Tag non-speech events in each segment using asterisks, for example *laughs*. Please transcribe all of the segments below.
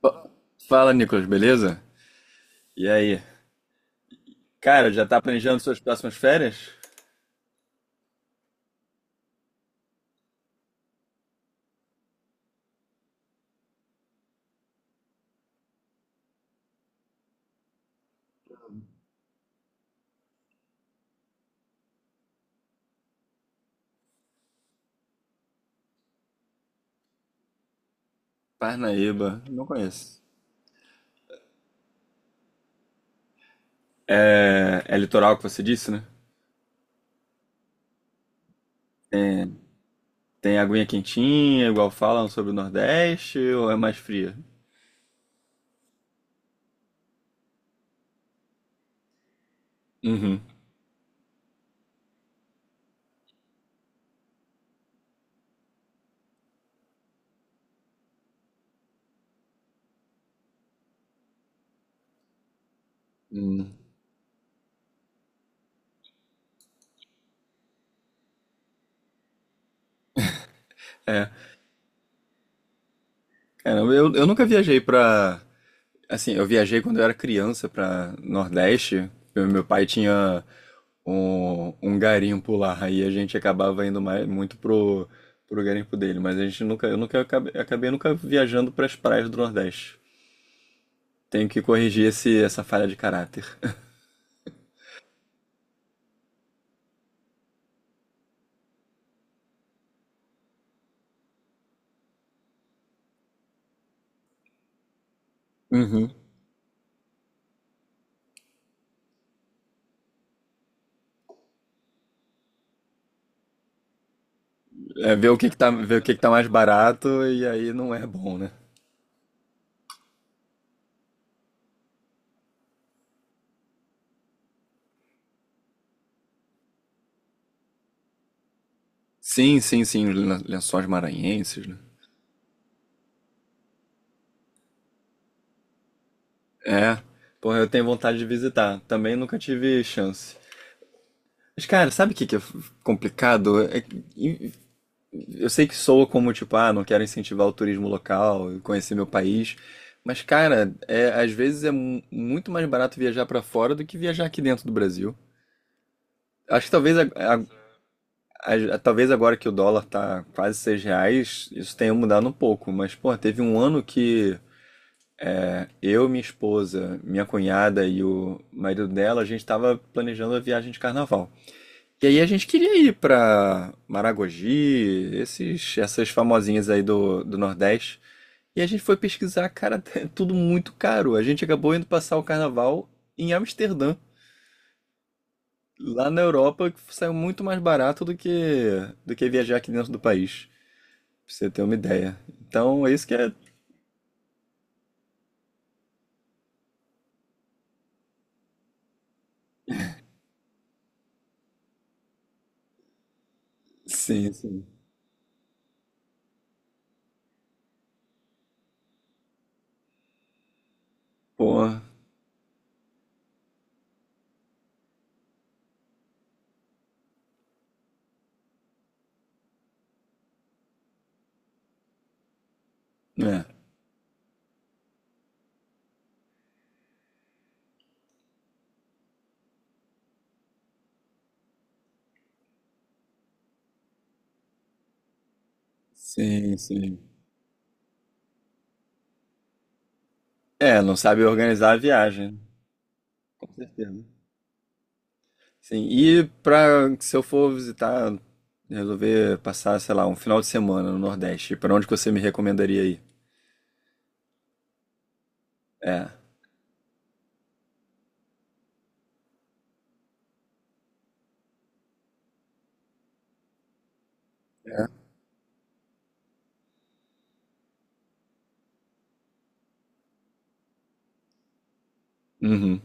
Fa- Fala, Nicolas, beleza? E aí? Cara, já tá planejando suas próximas férias? Parnaíba, não conheço. É, é litoral que você disse, né? Tem aguinha quentinha, igual falam sobre o Nordeste, ou é mais fria? Uhum. Hum. É, cara, eu nunca viajei pra. Assim, eu viajei quando eu era criança pra Nordeste. Meu pai tinha um garimpo lá. Aí a gente acabava indo muito pro garimpo dele. Mas a gente nunca, eu nunca acabei nunca viajando pras praias do Nordeste. Tenho que corrigir essa falha de caráter. Uhum. É, ver o que que tá mais barato e aí não é bom, né? Sim, sim, sim, os lençóis maranhenses, né? É, porra, eu tenho vontade de visitar. Também nunca tive chance. Mas, cara, sabe o que que é complicado? É que, eu sei que soa como, tipo, ah, não quero incentivar o turismo local, conhecer meu país. Mas, cara, é, às vezes é muito mais barato viajar pra fora do que viajar aqui dentro do Brasil. Acho que talvez, talvez agora que o dólar tá quase R$ 6, isso tenha mudado um pouco. Mas, pô, teve um ano que eu, minha esposa, minha cunhada e o marido dela, a gente tava planejando a viagem de carnaval. E aí a gente queria ir pra Maragogi, essas famosinhas aí do Nordeste. E a gente foi pesquisar, cara, *laughs* tudo muito caro. A gente acabou indo passar o carnaval em Amsterdã, lá na Europa, que saiu muito mais barato do que viajar aqui dentro do país, pra você ter uma ideia. Então, é isso que é. Sim, sim. Pô, é. Sim, sim. É, não sabe organizar a viagem, com certeza. Sim, e se eu for visitar, resolver passar, sei lá, um final de semana no Nordeste, pra onde que você me recomendaria ir? É. É. Uhum.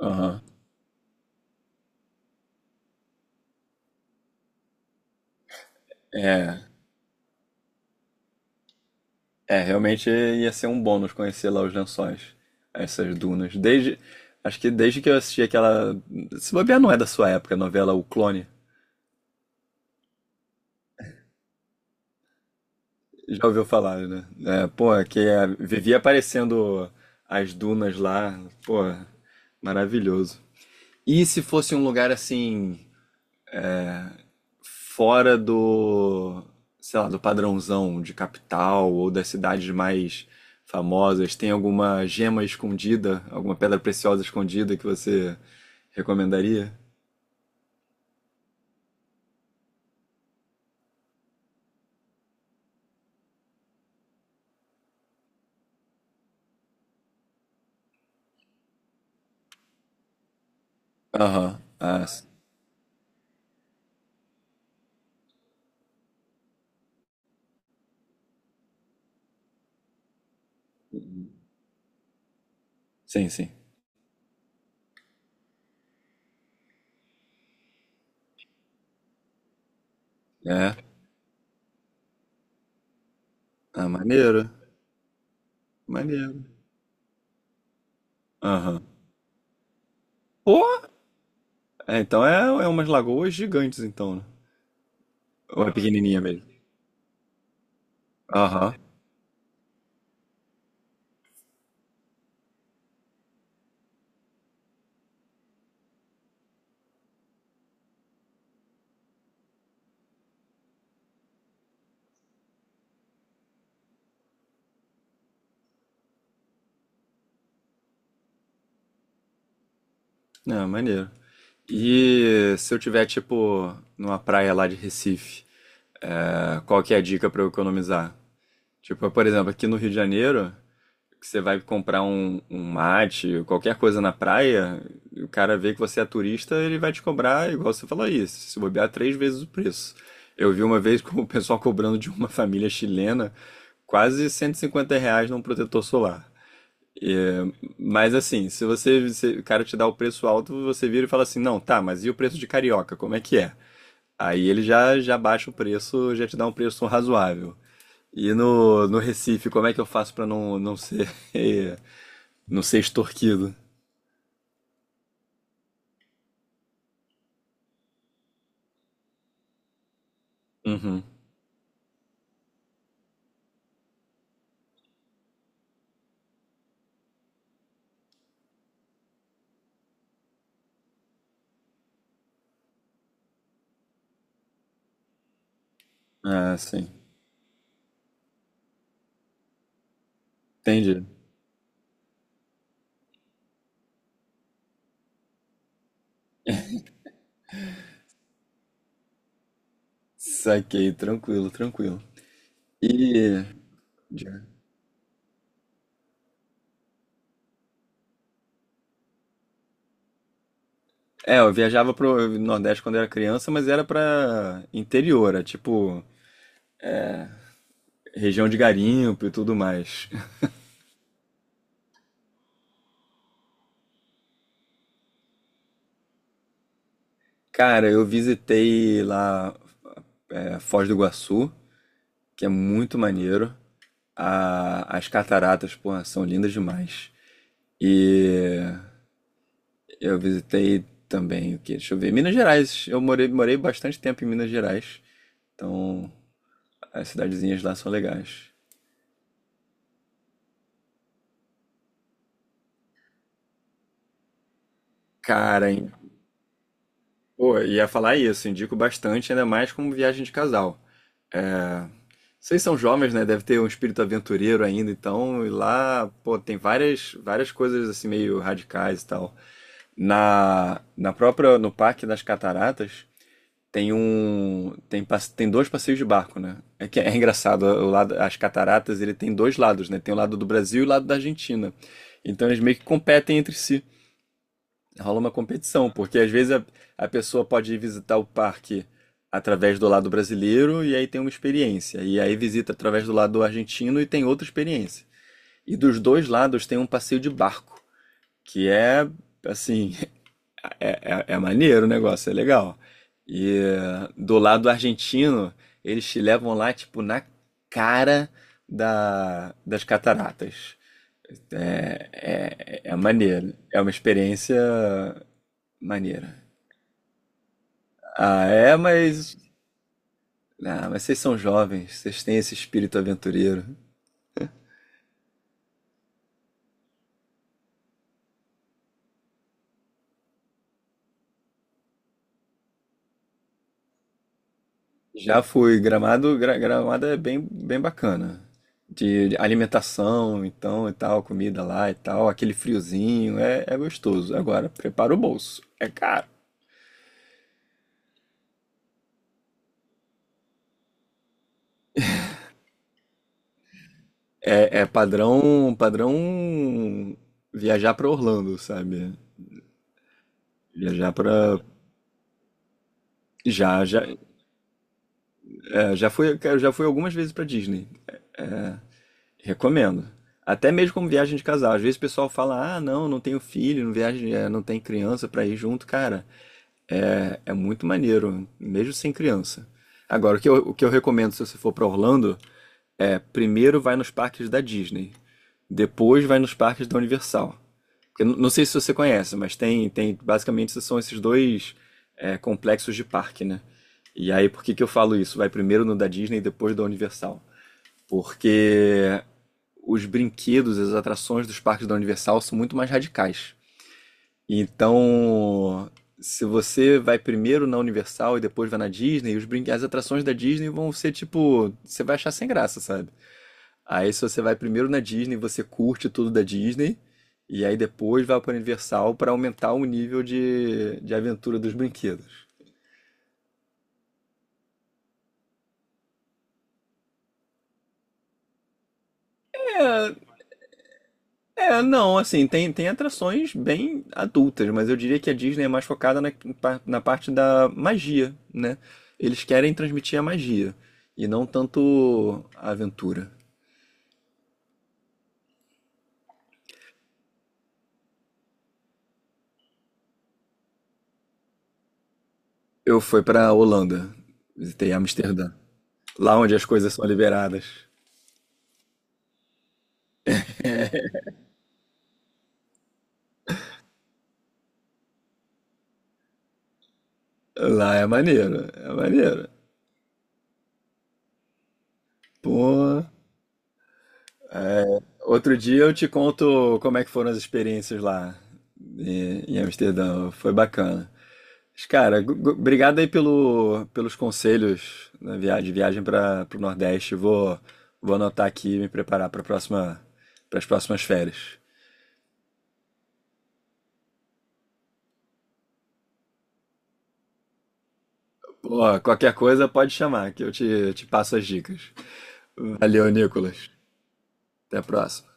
Aham. É, é, realmente ia ser um bônus conhecer lá os lençóis, essas dunas. Acho que desde que eu assisti aquela, se bobear não é da sua época, a novela O Clone, já ouviu falar, né? É, pô, que é, vivia aparecendo as dunas lá, pô, maravilhoso. E se fosse um lugar assim, fora do, sei lá, do padrãozão de capital ou das cidades mais famosas? Tem alguma gema escondida, alguma pedra preciosa escondida que você recomendaria? Aham. Ah, sim, sim. É. Ah, maneiro. Maneiro. Aham. Pô! É, então é, umas lagoas gigantes, então, né? Ou é pequenininha mesmo? Aham. Ah, maneiro. E se eu tiver, tipo, numa praia lá de Recife, ah, qual que é a dica pra eu economizar? Tipo, por exemplo, aqui no Rio de Janeiro, que você vai comprar um mate, qualquer coisa na praia, e o cara vê que você é turista, ele vai te cobrar, igual você falou aí, se bobear três vezes o preço. Eu vi uma vez *laughs* com o pessoal cobrando de uma família chilena quase R$ 150 num protetor solar. E, mas assim, se você, se o cara te dá o preço alto, você vira e fala assim, não, tá, mas e o preço de carioca, como é que é? Aí ele já baixa o preço, já te dá um preço razoável. E no Recife, como é que eu faço pra não ser, *laughs* não ser extorquido? Uhum. Ah, sim. Entendi. Saquei, tranquilo, tranquilo. E. Diga. É, eu viajava pro Nordeste quando era criança, mas era pra interior, é tipo região de garimpo e tudo mais. Cara, eu visitei lá Foz do Iguaçu, que é muito maneiro. As cataratas, porra, são lindas demais. E eu visitei também o quê? Deixa eu ver. Minas Gerais. Eu morei bastante tempo em Minas Gerais. Então, as cidadezinhas lá são legais. Cara, hein? Pô, ia falar isso. Indico bastante, ainda mais como viagem de casal. Vocês são jovens, né? Deve ter um espírito aventureiro ainda, então, e lá, pô, tem várias, várias coisas assim meio radicais e tal. Na própria, no Parque das Cataratas, tem dois passeios de barco, né? É que é *laughs* engraçado, o lado, as cataratas, ele tem dois lados, né? Tem o lado do Brasil e o lado da Argentina. Então eles meio que competem entre si. Rola uma competição, porque às vezes a pessoa pode ir visitar o parque através do lado brasileiro e aí tem uma experiência. E aí visita através do lado argentino e tem outra experiência. E dos dois lados tem um passeio de barco, que é assim, *laughs* é maneiro o negócio, é legal. E do lado argentino, eles te levam lá, tipo, na cara das cataratas. É, é, é maneiro. É uma experiência maneira. Ah, é, mas. Ah, mas vocês são jovens, vocês têm esse espírito aventureiro. Já fui. Gramado, Gramado é bem bacana. De alimentação, então, e tal, comida lá e tal, aquele friozinho, é gostoso. Agora, prepara o bolso. É caro. É padrão, padrão viajar pra Orlando, sabe? Viajar pra. Já, já, Já fui, cara, já fui algumas vezes pra Disney. Recomendo. Até mesmo como viagem de casal. Às vezes o pessoal fala: "Ah, não, não tenho filho, não viagem, é, não tem criança pra ir junto". Cara, é, é muito maneiro, mesmo sem criança. Agora, o que eu recomendo se você for para Orlando é primeiro vai nos parques da Disney, depois vai nos parques da Universal. Eu não sei se você conhece, mas tem, basicamente são esses dois, complexos de parque, né? E aí, por que que eu falo isso? Vai primeiro no da Disney, depois da Universal. Porque os brinquedos, as atrações dos parques da Universal são muito mais radicais. Então, se você vai primeiro na Universal e depois vai na Disney, as atrações da Disney vão ser tipo, você vai achar sem graça, sabe? Aí se você vai primeiro na Disney, você curte tudo da Disney e aí depois vai para Universal para aumentar o nível de aventura dos brinquedos. É, é, não, assim, tem, atrações bem adultas, mas eu diria que a Disney é mais focada na parte da magia, né? Eles querem transmitir a magia e não tanto a aventura. Eu fui pra Holanda, visitei Amsterdã. Lá onde as coisas são liberadas. Lá é maneiro, é maneiro. Pô, outro dia eu te conto como é que foram as experiências lá em Amsterdã. Foi bacana. Mas, cara, obrigado aí pelos conselhos de viagem para o Nordeste. Vou anotar aqui e me preparar para as próximas férias. Pô, qualquer coisa pode chamar, que eu te passo as dicas. Valeu, Nicolas. Até a próxima.